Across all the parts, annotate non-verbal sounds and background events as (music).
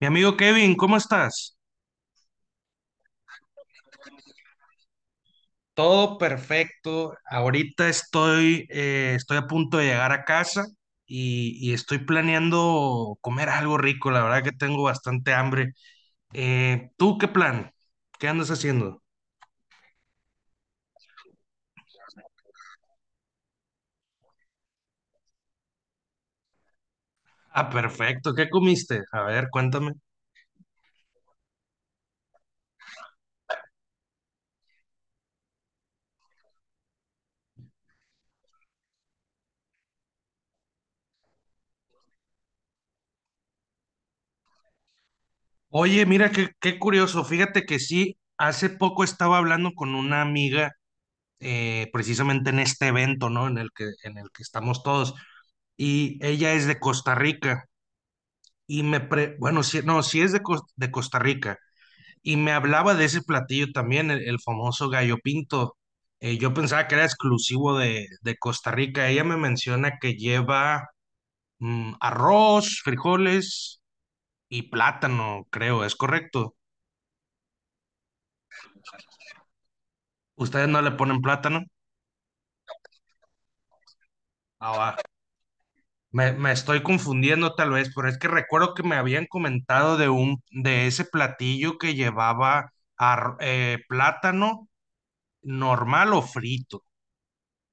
Mi amigo Kevin, ¿cómo estás? Todo perfecto. Ahorita estoy, estoy a punto de llegar a casa y estoy planeando comer algo rico. La verdad que tengo bastante hambre. ¿Tú qué plan? ¿Qué andas haciendo? Ah, perfecto. ¿Qué comiste? A ver, cuéntame. Oye, mira qué curioso. Fíjate que sí, hace poco estaba hablando con una amiga precisamente en este evento, ¿no? En el que estamos todos. Y ella es de Costa Rica. Y me, pre, bueno, si, no, si es de, de Costa Rica, y me hablaba de ese platillo también, el famoso gallo pinto. Yo pensaba que era exclusivo de Costa Rica. Ella me menciona que lleva mm, arroz, frijoles y plátano, creo, ¿es correcto? ¿Ustedes no le ponen plátano? Ah, va. Me estoy confundiendo tal vez, pero es que recuerdo que me habían comentado de un, de ese platillo que llevaba plátano normal o frito.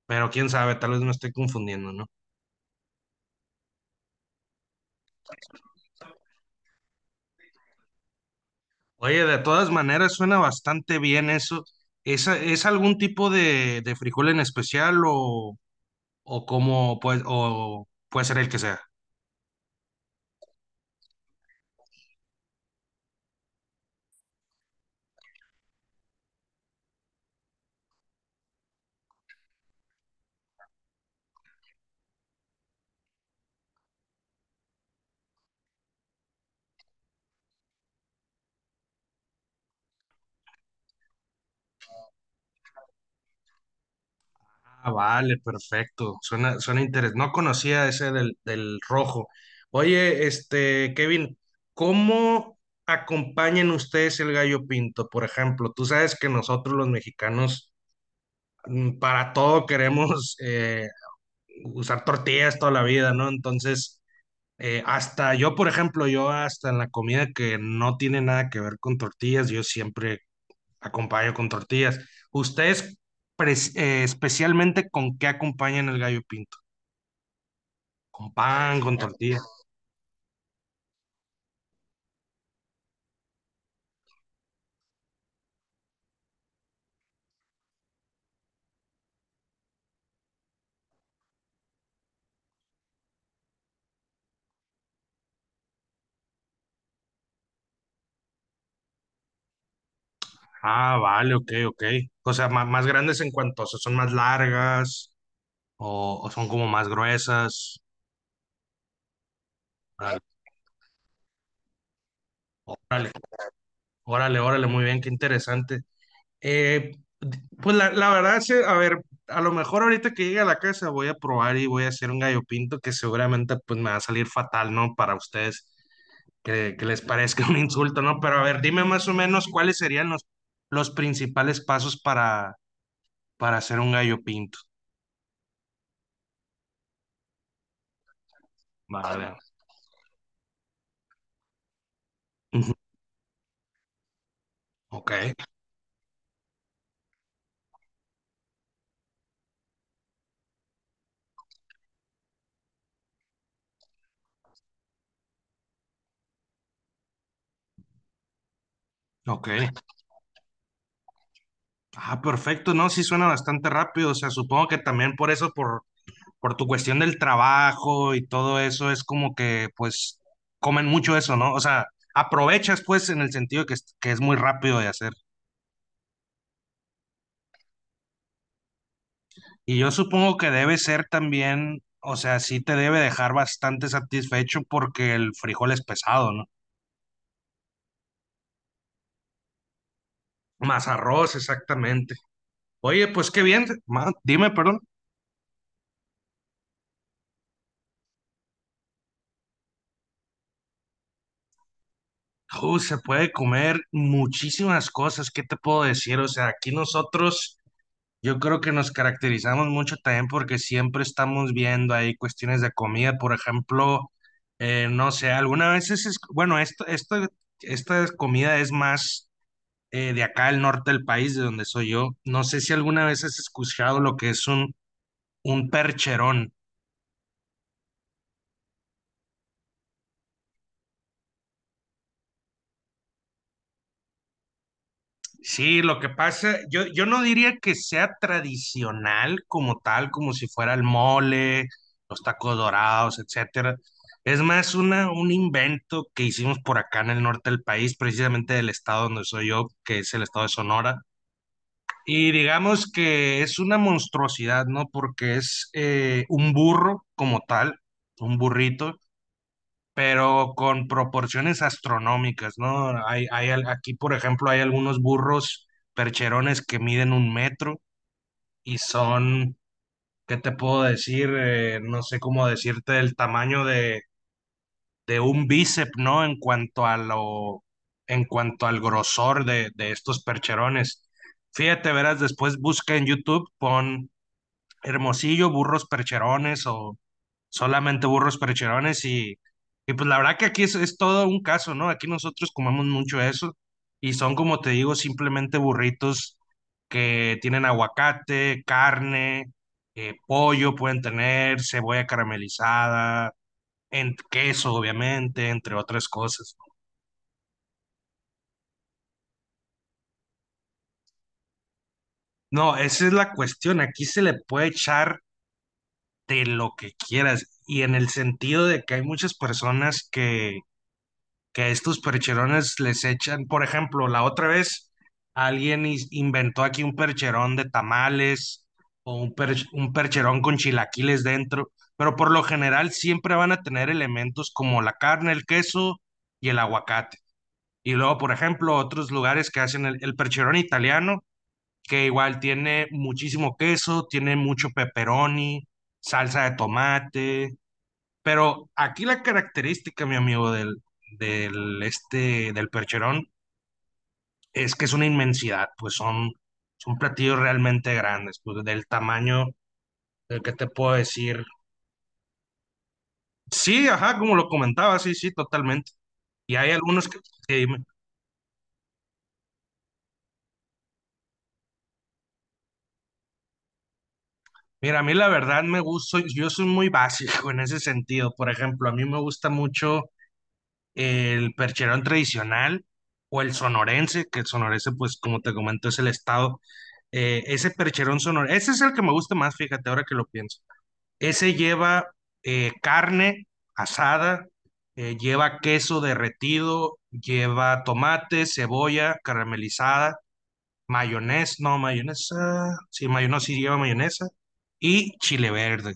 Pero quién sabe, tal vez me estoy confundiendo, ¿no? Oye, de todas maneras suena bastante bien eso. ¿Es algún tipo de frijol en especial o cómo puede, o puede ser el que sea? Ah, vale, perfecto. Suena interesante. No conocía ese del, del rojo. Oye, este, Kevin, ¿cómo acompañan ustedes el gallo pinto? Por ejemplo, tú sabes que nosotros los mexicanos mm, para todo queremos usar tortillas toda la vida, ¿no? Entonces, hasta yo, por ejemplo, yo hasta en la comida que no tiene nada que ver con tortillas, yo siempre acompaño con tortillas. ¿Ustedes especialmente con qué acompañan el gallo pinto? ¿Con pan, con tortilla? Ah, vale, ok, ok. O sea, más grandes en cuanto, o sea, son más largas o son como más gruesas. Órale, órale, órale, órale, muy bien, qué interesante. Eh, pues la verdad, sí, a ver, a lo mejor ahorita que llegue a la casa voy a probar y voy a hacer un gallo pinto que seguramente pues me va a salir fatal, ¿no? Para ustedes, que les parezca (laughs) un insulto, ¿no? Pero a ver, dime más o menos cuáles serían los principales pasos para hacer un gallo pinto. A ver. Ujú. Ok, ok. Ah, perfecto, no, sí suena bastante rápido, o sea, supongo que también por eso, por tu cuestión del trabajo y todo eso, es como que pues comen mucho eso, ¿no? O sea, aprovechas pues en el sentido que es muy rápido de hacer. Y yo supongo que debe ser también, o sea, sí te debe dejar bastante satisfecho porque el frijol es pesado, ¿no? Más arroz, exactamente. Oye, pues qué bien, dime, perdón. Se puede comer muchísimas cosas, ¿qué te puedo decir? O sea, aquí nosotros yo creo que nos caracterizamos mucho también porque siempre estamos viendo ahí cuestiones de comida, por ejemplo, no sé, alguna vez es, bueno, esto, esta comida es más de acá al norte del país, de donde soy yo. No sé si alguna vez has escuchado lo que es un percherón. Sí, lo que pasa, yo no diría que sea tradicional como tal, como si fuera el mole, los tacos dorados, etcétera. Es más una, un invento que hicimos por acá en el norte del país, precisamente del estado donde soy yo, que es el estado de Sonora. Y digamos que es una monstruosidad, ¿no? Porque es un burro como tal, un burrito, pero con proporciones astronómicas, ¿no? Aquí, por ejemplo, hay algunos burros percherones que miden un metro y son, ¿qué te puedo decir? No sé cómo decirte el tamaño de un bíceps, ¿no? En cuanto a lo, en cuanto al grosor de estos percherones. Fíjate, verás, después busca en YouTube, pon Hermosillo, burros percherones o solamente burros percherones y pues la verdad que aquí es todo un caso, ¿no? Aquí nosotros comemos mucho eso y son como te digo, simplemente burritos que tienen aguacate, carne, pollo pueden tener, cebolla caramelizada, en, queso obviamente, entre otras cosas. No, esa es la cuestión, aquí se le puede echar de lo que quieras y en el sentido de que hay muchas personas que a estos percherones les echan, por ejemplo, la otra vez alguien inventó aquí un percherón de tamales o un, un percherón con chilaquiles dentro, pero por lo general siempre van a tener elementos como la carne, el queso y el aguacate. Y luego, por ejemplo, otros lugares que hacen el percherón italiano, que igual tiene muchísimo queso, tiene mucho pepperoni, salsa de tomate, pero aquí la característica, mi amigo, del, del, este, del percherón es que es una inmensidad, pues son, son platillos realmente grandes, pues del tamaño del que te puedo decir. Sí, ajá, como lo comentaba, sí, sí, totalmente. Y hay algunos que mira, a mí la verdad me gusta, yo soy muy básico en ese sentido. Por ejemplo, a mí me gusta mucho el percherón tradicional o el sonorense, que el sonorense, pues como te comento, es el estado. Ese percherón sonorense, ese es el que me gusta más, fíjate, ahora que lo pienso. Ese lleva carne asada, lleva queso derretido, lleva tomate, cebolla caramelizada, mayonesa, no, mayonesa, sí lleva mayonesa, y chile verde.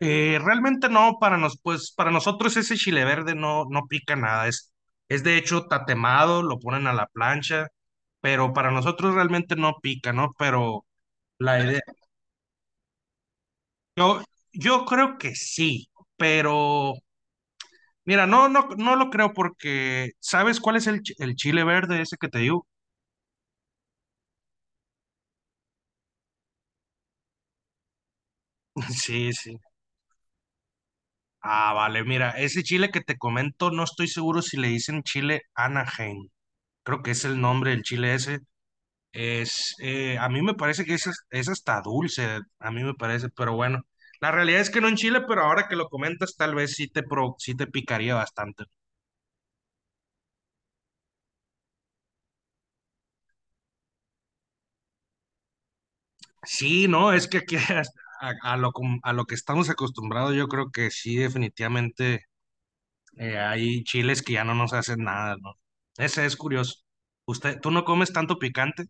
Realmente no, para nos, pues, para nosotros ese chile verde no, no pica nada, es de hecho tatemado, lo ponen a la plancha, pero para nosotros realmente no pica, ¿no? Pero la idea, yo, yo creo que sí, pero mira, no, no, no lo creo porque, ¿sabes cuál es el, el chile verde ese que te digo? (laughs) Sí, sí. Ah, vale, mira, ese chile que te comento, no estoy seguro si le dicen chile Anaheim, creo que es el nombre del chile ese. Es, a mí me parece que es hasta dulce, a mí me parece, pero bueno, la realidad es que no en Chile, pero ahora que lo comentas, tal vez sí te, sí te picaría bastante. Sí, no, es que aquí (laughs) hasta- a lo, a lo que estamos acostumbrados, yo creo que sí, definitivamente hay chiles que ya no nos hacen nada, ¿no? Ese es curioso. ¿Usted, tú no comes tanto picante?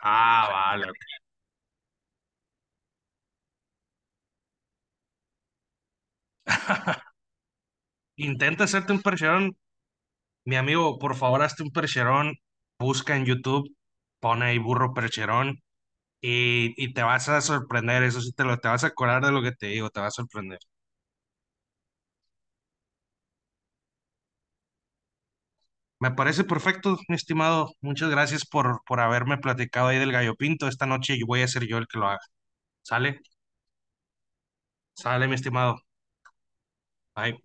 Ah, vale. (laughs) Intenta hacerte un percherón. Mi amigo, por favor, hazte un percherón, busca en YouTube, pone ahí burro percherón y te vas a sorprender, eso sí, te lo, te vas a acordar de lo que te digo, te va a sorprender. Me parece perfecto, mi estimado. Muchas gracias por haberme platicado ahí del gallo pinto. Esta noche voy a ser yo el que lo haga. ¿Sale? Sale, mi estimado. Bye.